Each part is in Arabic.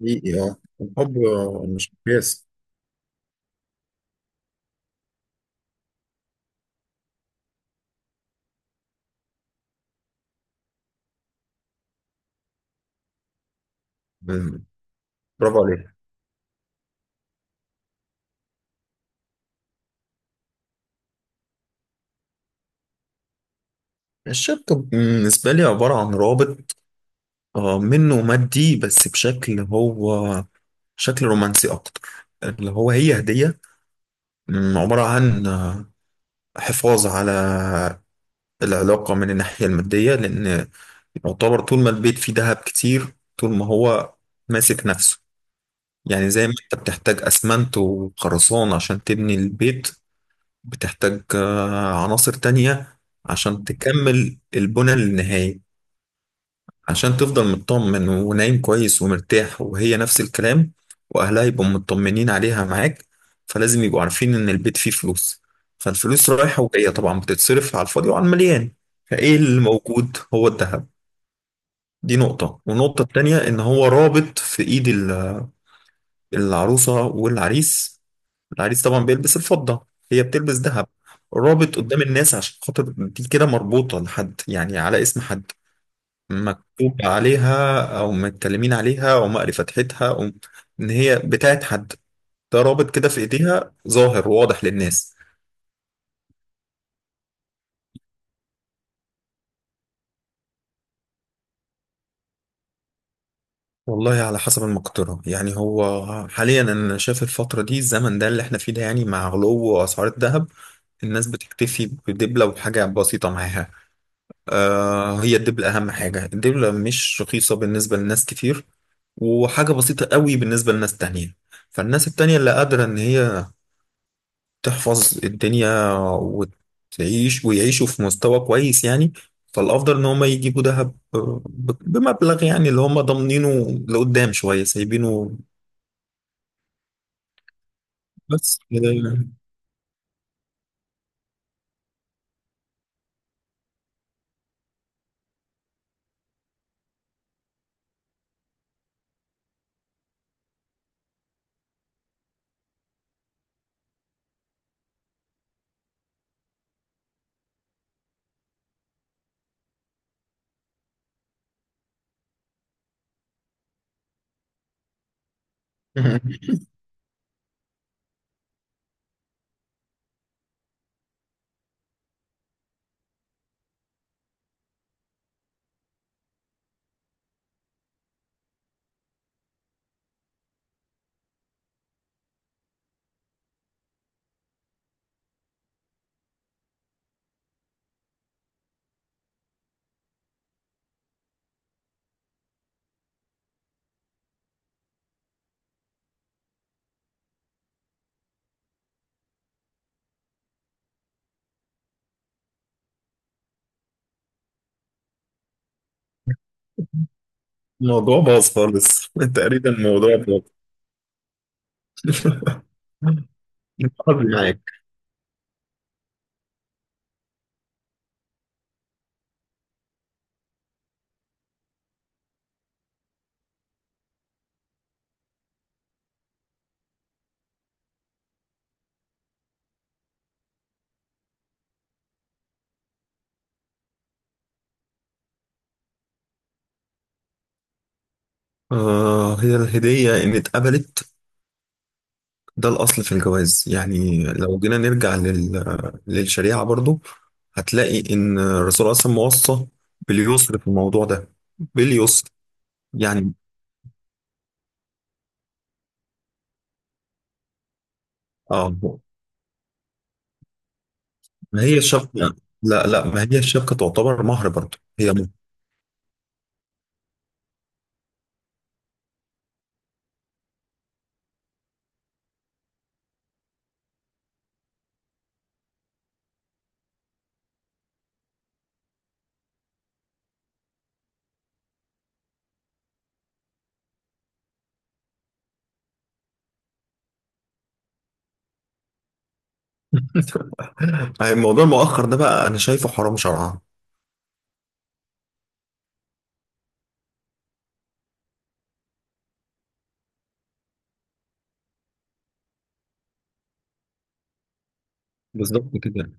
حقيقي، اه. الحب مش مقياس. مم. برافو عليك. الشبكة بالنسبة لي عبارة عن رابط منه مادي، بس بشكل هو شكل رومانسي أكتر، اللي هو هي هدية. عبارة عن حفاظ على العلاقة من الناحية المادية، لأن يعتبر طول ما البيت فيه دهب كتير طول ما هو ماسك نفسه. يعني زي ما انت بتحتاج اسمنت وخرسانة عشان تبني البيت، بتحتاج عناصر تانية عشان تكمل البنى للنهاية، عشان تفضل مطمن ونايم كويس ومرتاح، وهي نفس الكلام. وأهلها يبقوا مطمنين عليها معاك، فلازم يبقوا عارفين إن البيت فيه فلوس. فالفلوس رايحة وجاية طبعا، بتتصرف على الفاضي وعلى المليان. فإيه اللي موجود؟ هو الذهب. دي نقطة. والنقطة التانية إن هو رابط في إيد العروسة والعريس. العريس طبعا بيلبس الفضة، هي بتلبس ذهب. رابط قدام الناس، عشان خاطر دي كده مربوطة لحد، يعني على اسم حد، مكتوب عليها أو متكلمين عليها أو مقري فتحتها، أو إن هي بتاعت حد. ده رابط كده في إيديها، ظاهر واضح للناس. والله على حسب المقدرة. يعني هو حاليا أنا شايف الفترة دي، الزمن ده اللي إحنا فيه ده، يعني مع غلو أسعار الذهب الناس بتكتفي بدبلة وحاجة بسيطة معاها. هي الدبلة أهم حاجة. الدبلة مش رخيصة بالنسبة لناس كتير، وحاجة بسيطة قوي بالنسبة لناس تانية. فالناس التانية اللي قادرة إن هي تحفظ الدنيا وتعيش، ويعيشوا في مستوى كويس يعني، فالأفضل إن هما يجيبوا دهب بمبلغ، يعني اللي هما ضامنينه لقدام شوية سايبينه. بس كده يعني. الموضوع باظ خالص. تقريبا الموضوع باظ. حظي معاك. هي الهدية، إن اتقبلت ده الأصل في الجواز. يعني لو جينا نرجع للشريعة برضو، هتلاقي إن الرسول أصلا موصى باليسر في الموضوع ده، باليسر يعني. آه ما هي الشبكة، لا، لا، ما هي الشبكة تعتبر مهر برضو، هي مهر. الموضوع المؤخر ده بقى أنا شايفه حرام شرعا. بالظبط كده.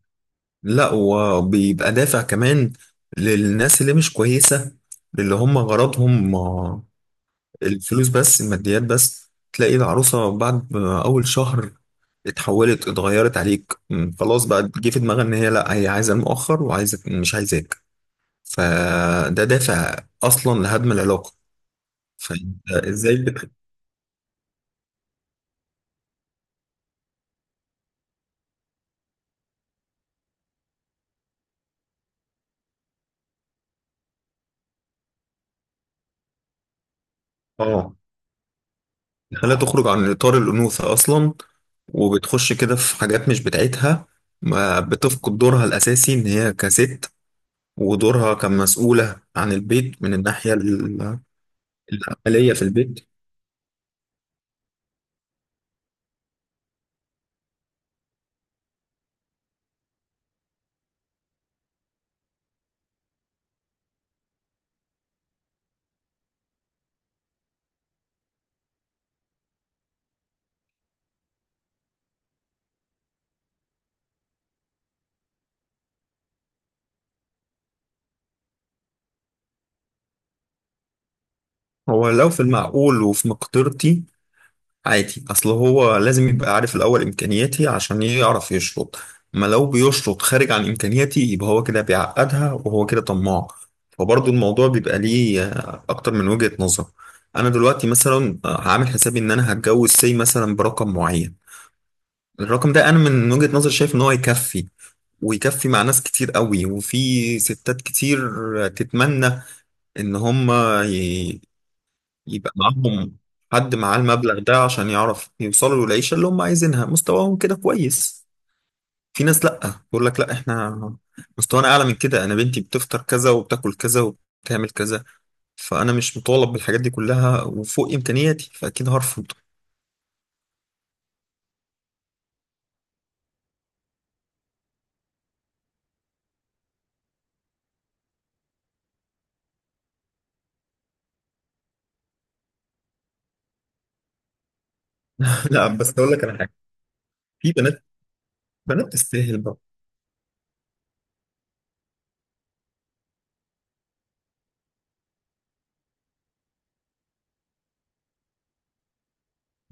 لا، وبيبقى دافع كمان للناس اللي مش كويسة، اللي هم غرضهم الفلوس بس، الماديات بس. تلاقي العروسة بعد ما أول شهر اتحولت، اتغيرت عليك. خلاص بقى جه في دماغها إن هي، لأ، هي عايزة المؤخر، وعايزة، مش عايزاك. فده دافع أصلا لهدم العلاقة. فأنت إزاي آه خليها تخرج عن إطار الأنوثة أصلا، وبتخش كده في حاجات مش بتاعتها، ما بتفقد دورها الأساسي إن هي كست، ودورها كمسؤولة عن البيت من الناحية العملية في البيت. هو لو في المعقول وفي مقدرتي، عادي. اصل هو لازم يبقى عارف الاول امكانياتي عشان يعرف يشرط. ما لو بيشرط خارج عن امكانياتي، يبقى هو كده بيعقدها، وهو كده طماع. فبرضه الموضوع بيبقى ليه اكتر من وجهة نظر. انا دلوقتي مثلا هعمل حسابي ان انا هتجوز سي مثلا برقم معين. الرقم ده انا من وجهة نظر شايف ان هو يكفي، ويكفي مع ناس كتير قوي، وفي ستات كتير تتمنى ان هم يبقى معاهم حد معاه المبلغ ده عشان يعرف يوصلوا للعيشة اللي هم عايزينها، مستواهم كده كويس. في ناس لأ، بيقول لك لأ، احنا مستوانا أعلى من كده، أنا بنتي بتفطر كذا، وبتاكل كذا، وبتعمل كذا، فأنا مش مطالب بالحاجات دي كلها، وفوق إمكانياتي، فأكيد هرفض. لا، بس أقول لك على حاجة. في بنات، بنات تستاهل بقى.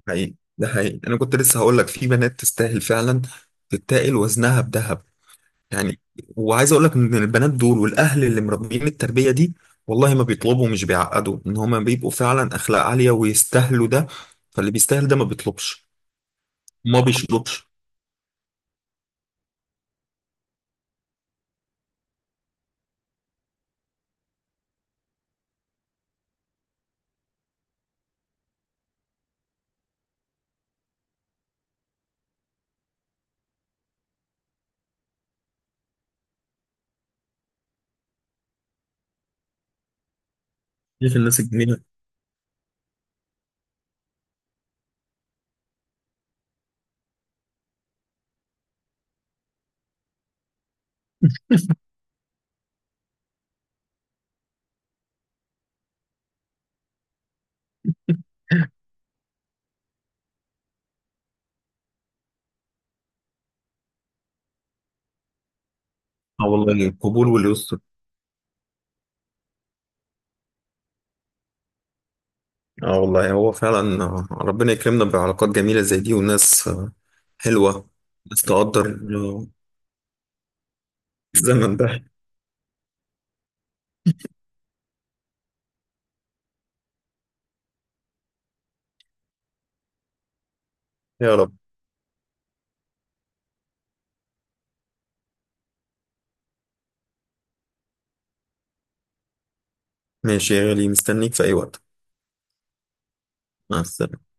حقيقي، ده حقيقي، أنا كنت لسه هقول لك في بنات تستاهل فعلا، تتاقل وزنها بذهب يعني. وعايز اقول لك ان البنات دول والاهل اللي مربيين التربيه دي، والله ما بيطلبوا، مش بيعقدوا، ان هما بيبقوا فعلا اخلاق عاليه ويستاهلوا ده. فاللي بيستاهل ده ما بيطلبش، ما بيشطبش. شايف الناس الجميله. اه، والله، القبول واليسر. اه والله هو فعلا، ربنا يكرمنا بعلاقات جميله زي دي، وناس حلوه، ناس تقدر. آه، الزمن ده. يا رب. ماشي يا غالي، مستنيك في اي وقت. مع السلامه.